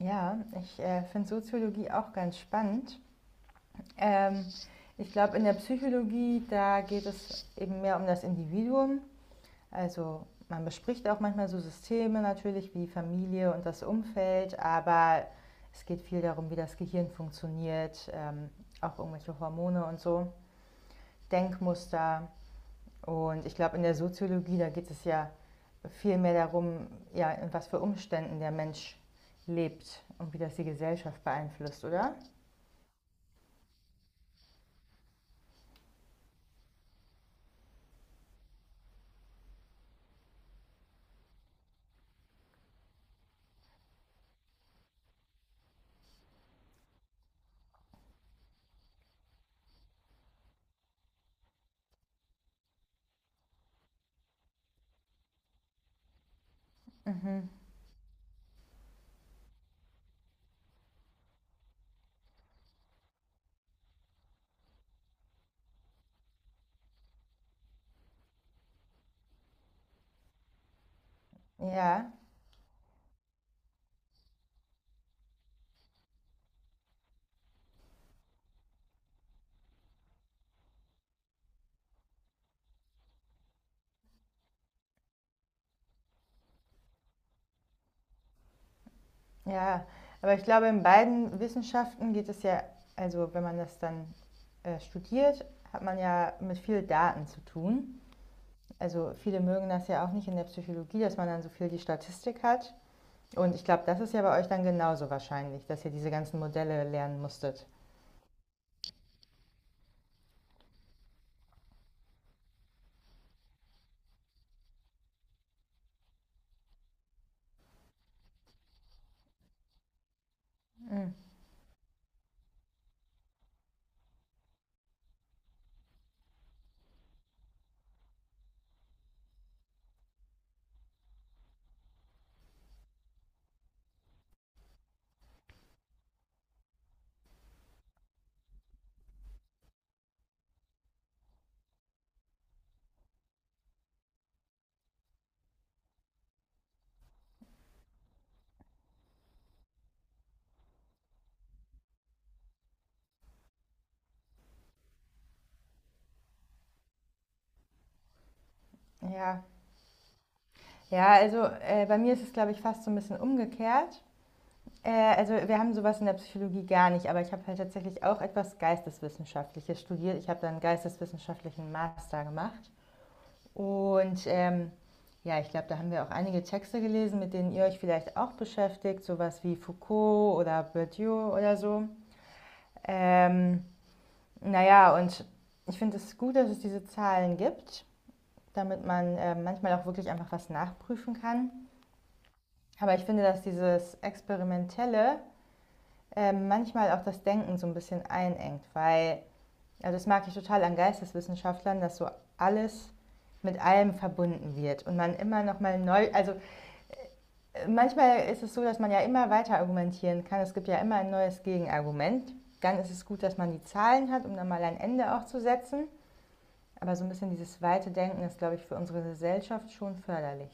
Ja, ich finde Soziologie auch ganz spannend. Ähm, Ich glaube, in der Psychologie, da geht es eben mehr um das Individuum. Also man bespricht auch manchmal so Systeme natürlich wie Familie und das Umfeld, aber es geht viel darum, wie das Gehirn funktioniert, auch irgendwelche Hormone und so, Denkmuster. Und ich glaube, in der Soziologie, da geht es ja viel mehr darum, ja, in was für Umständen der Mensch lebt und wie das die Gesellschaft beeinflusst, oder? Mhm. Ja, ja. Aber ich glaube, in beiden Wissenschaften geht es ja, also wenn man das dann studiert, hat man ja mit viel Daten zu tun. Also viele mögen das ja auch nicht in der Psychologie, dass man dann so viel die Statistik hat. Und ich glaube, das ist ja bei euch dann genauso wahrscheinlich, dass ihr diese ganzen Modelle lernen musstet. Mhm. Ja, ja, also bei mir ist es, glaube ich, fast so ein bisschen umgekehrt. Äh, also wir haben sowas in der Psychologie gar nicht, aber ich habe halt tatsächlich auch etwas Geisteswissenschaftliches studiert. Ich habe dann einen geisteswissenschaftlichen Master gemacht. Und ja, ich glaube, da haben wir auch einige Texte gelesen, mit denen ihr euch vielleicht auch beschäftigt, sowas wie Foucault oder Bourdieu oder so. Ähm, naja, und ich finde es gut, dass es diese Zahlen gibt, damit man manchmal auch wirklich einfach was nachprüfen kann. Aber ich finde, dass dieses Experimentelle manchmal auch das Denken so ein bisschen einengt, weil, also das mag ich total an Geisteswissenschaftlern, dass so alles mit allem verbunden wird und man immer noch mal neu, also manchmal ist es so, dass man ja immer weiter argumentieren kann. Es gibt ja immer ein neues Gegenargument. Dann ist es gut, dass man die Zahlen hat, um dann mal ein Ende auch zu setzen. Aber so ein bisschen dieses weite Denken ist, glaube ich, für unsere Gesellschaft schon förderlich.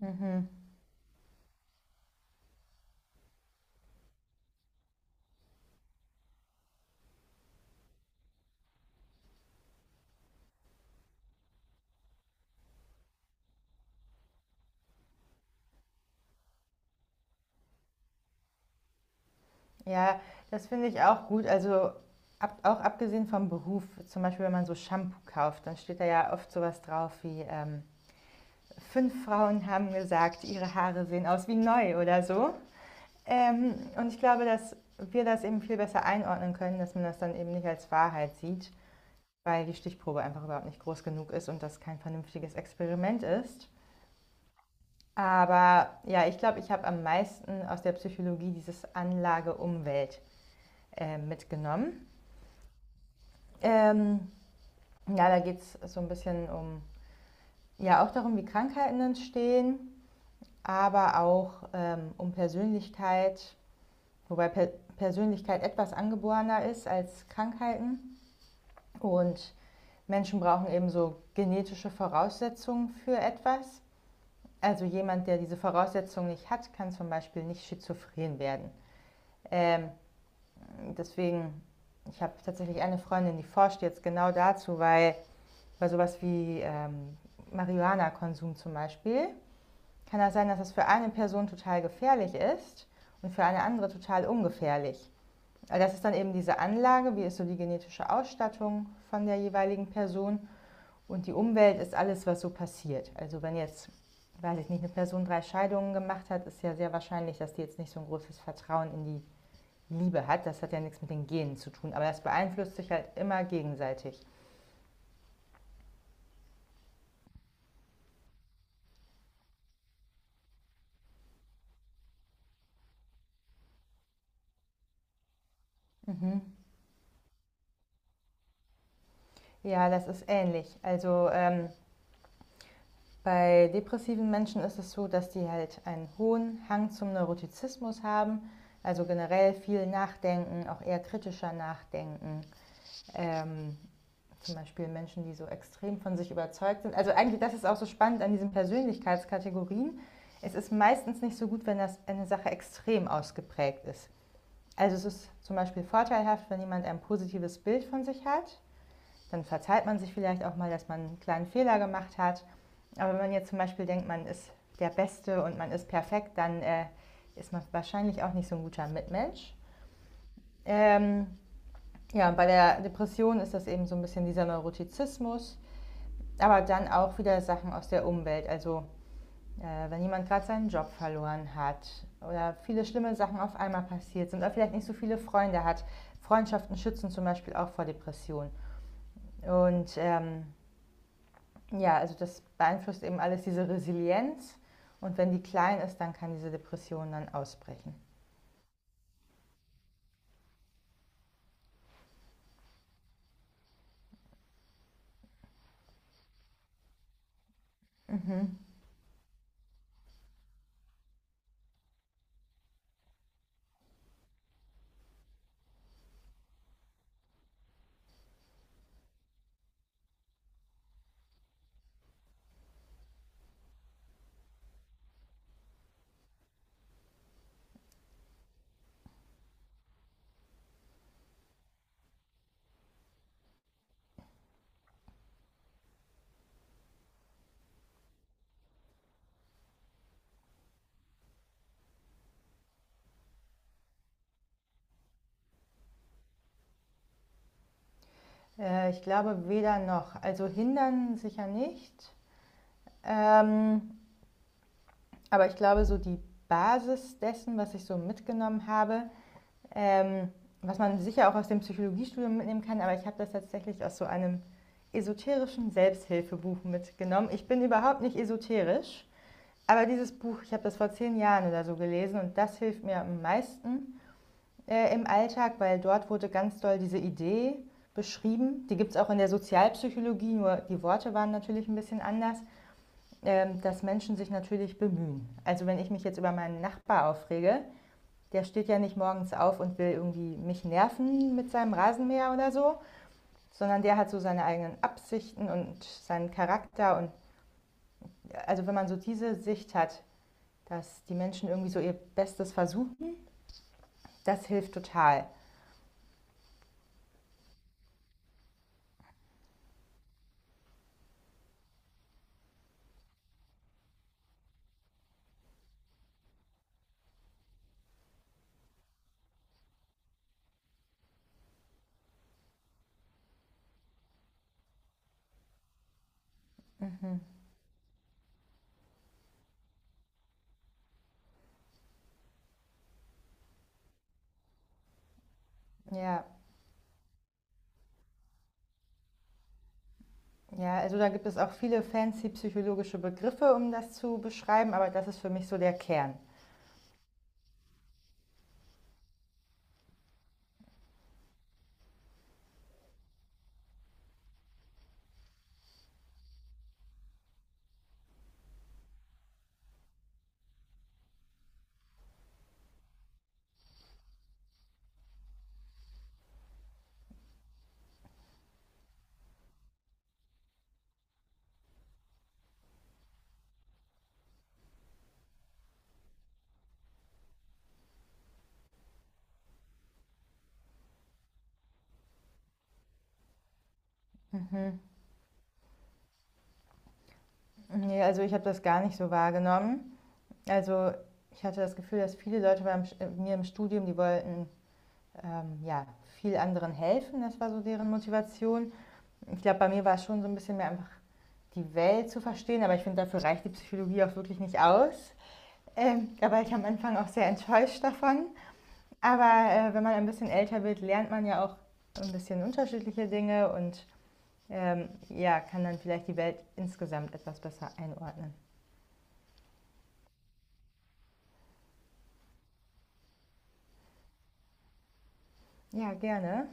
Mhm. Ja, das finde ich auch gut. Also ab, auch abgesehen vom Beruf, zum Beispiel wenn man so Shampoo kauft, dann steht da ja oft sowas drauf wie, fünf Frauen haben gesagt, ihre Haare sehen aus wie neu oder so. Und ich glaube, dass wir das eben viel besser einordnen können, dass man das dann eben nicht als Wahrheit sieht, weil die Stichprobe einfach überhaupt nicht groß genug ist und das kein vernünftiges Experiment ist. Aber ja, ich glaube, ich habe am meisten aus der Psychologie dieses Anlage-Umwelt mitgenommen. Ähm, ja, da geht es so ein bisschen um, ja, auch darum, wie Krankheiten entstehen, aber auch um Persönlichkeit, wobei Persönlichkeit etwas angeborener ist als Krankheiten. Und Menschen brauchen eben so genetische Voraussetzungen für etwas. Also jemand, der diese Voraussetzungen nicht hat, kann zum Beispiel nicht schizophren werden. Ähm, Deswegen, ich habe tatsächlich eine Freundin, die forscht jetzt genau dazu, weil bei sowas wie Marihuana-Konsum zum Beispiel, kann das sein, dass das für eine Person total gefährlich ist und für eine andere total ungefährlich. Also das ist dann eben diese Anlage, wie ist so die genetische Ausstattung von der jeweiligen Person und die Umwelt ist alles, was so passiert. Also wenn jetzt, weiß ich nicht, eine Person drei Scheidungen gemacht hat, ist ja sehr wahrscheinlich, dass die jetzt nicht so ein großes Vertrauen in die Liebe hat. Das hat ja nichts mit den Genen zu tun, aber das beeinflusst sich halt immer gegenseitig. Mhm. Ja, das ist ähnlich. Also bei depressiven Menschen ist es so, dass die halt einen hohen Hang zum Neurotizismus haben, also generell viel nachdenken, auch eher kritischer nachdenken. Ähm, Zum Beispiel Menschen, die so extrem von sich überzeugt sind. Also eigentlich, das ist auch so spannend an diesen Persönlichkeitskategorien. Es ist meistens nicht so gut, wenn das eine Sache extrem ausgeprägt ist. Also es ist zum Beispiel vorteilhaft, wenn jemand ein positives Bild von sich hat, dann verzeiht man sich vielleicht auch mal, dass man einen kleinen Fehler gemacht hat. Aber wenn man jetzt zum Beispiel denkt, man ist der Beste und man ist perfekt, dann ist man wahrscheinlich auch nicht so ein guter Mitmensch. Ähm, ja, bei der Depression ist das eben so ein bisschen dieser Neurotizismus, aber dann auch wieder Sachen aus der Umwelt. Also wenn jemand gerade seinen Job verloren hat oder viele schlimme Sachen auf einmal passiert sind oder vielleicht nicht so viele Freunde hat. Freundschaften schützen zum Beispiel auch vor Depressionen. Und ja, also das beeinflusst eben alles diese Resilienz. Und wenn die klein ist, dann kann diese Depression dann ausbrechen. Mhm. Ich glaube weder noch. Also hindern sicher nicht. Ähm, aber ich glaube, so die Basis dessen, was ich so mitgenommen habe, ähm, was man sicher auch aus dem Psychologiestudium mitnehmen kann, aber ich habe das tatsächlich aus so einem esoterischen Selbsthilfebuch mitgenommen. Ich bin überhaupt nicht esoterisch. Aber dieses Buch, ich habe das vor 10 Jahren oder so gelesen und das hilft mir am meisten im Alltag, weil dort wurde ganz doll diese Idee beschrieben. Die gibt es auch in der Sozialpsychologie, nur die Worte waren natürlich ein bisschen anders, dass Menschen sich natürlich bemühen. Also wenn ich mich jetzt über meinen Nachbar aufrege, der steht ja nicht morgens auf und will irgendwie mich nerven mit seinem Rasenmäher oder so, sondern der hat so seine eigenen Absichten und seinen Charakter. Und also wenn man so diese Sicht hat, dass die Menschen irgendwie so ihr Bestes versuchen. Das hilft total. Mhm. Ja. Ja, also da gibt es auch viele fancy psychologische Begriffe, um das zu beschreiben, aber das ist für mich so der Kern. Mhm. Nee, also ich habe das gar nicht so wahrgenommen. Also ich hatte das Gefühl, dass viele Leute bei mir im Studium, die wollten ja, viel anderen helfen. Das war so deren Motivation. Ich glaube, bei mir war es schon so ein bisschen mehr einfach die Welt zu verstehen, aber ich finde, dafür reicht die Psychologie auch wirklich nicht aus. Da war ich am Anfang auch sehr enttäuscht davon. Aber wenn man ein bisschen älter wird, lernt man ja auch ein bisschen unterschiedliche Dinge und ja, kann dann vielleicht die Welt insgesamt etwas besser einordnen. Ja, gerne.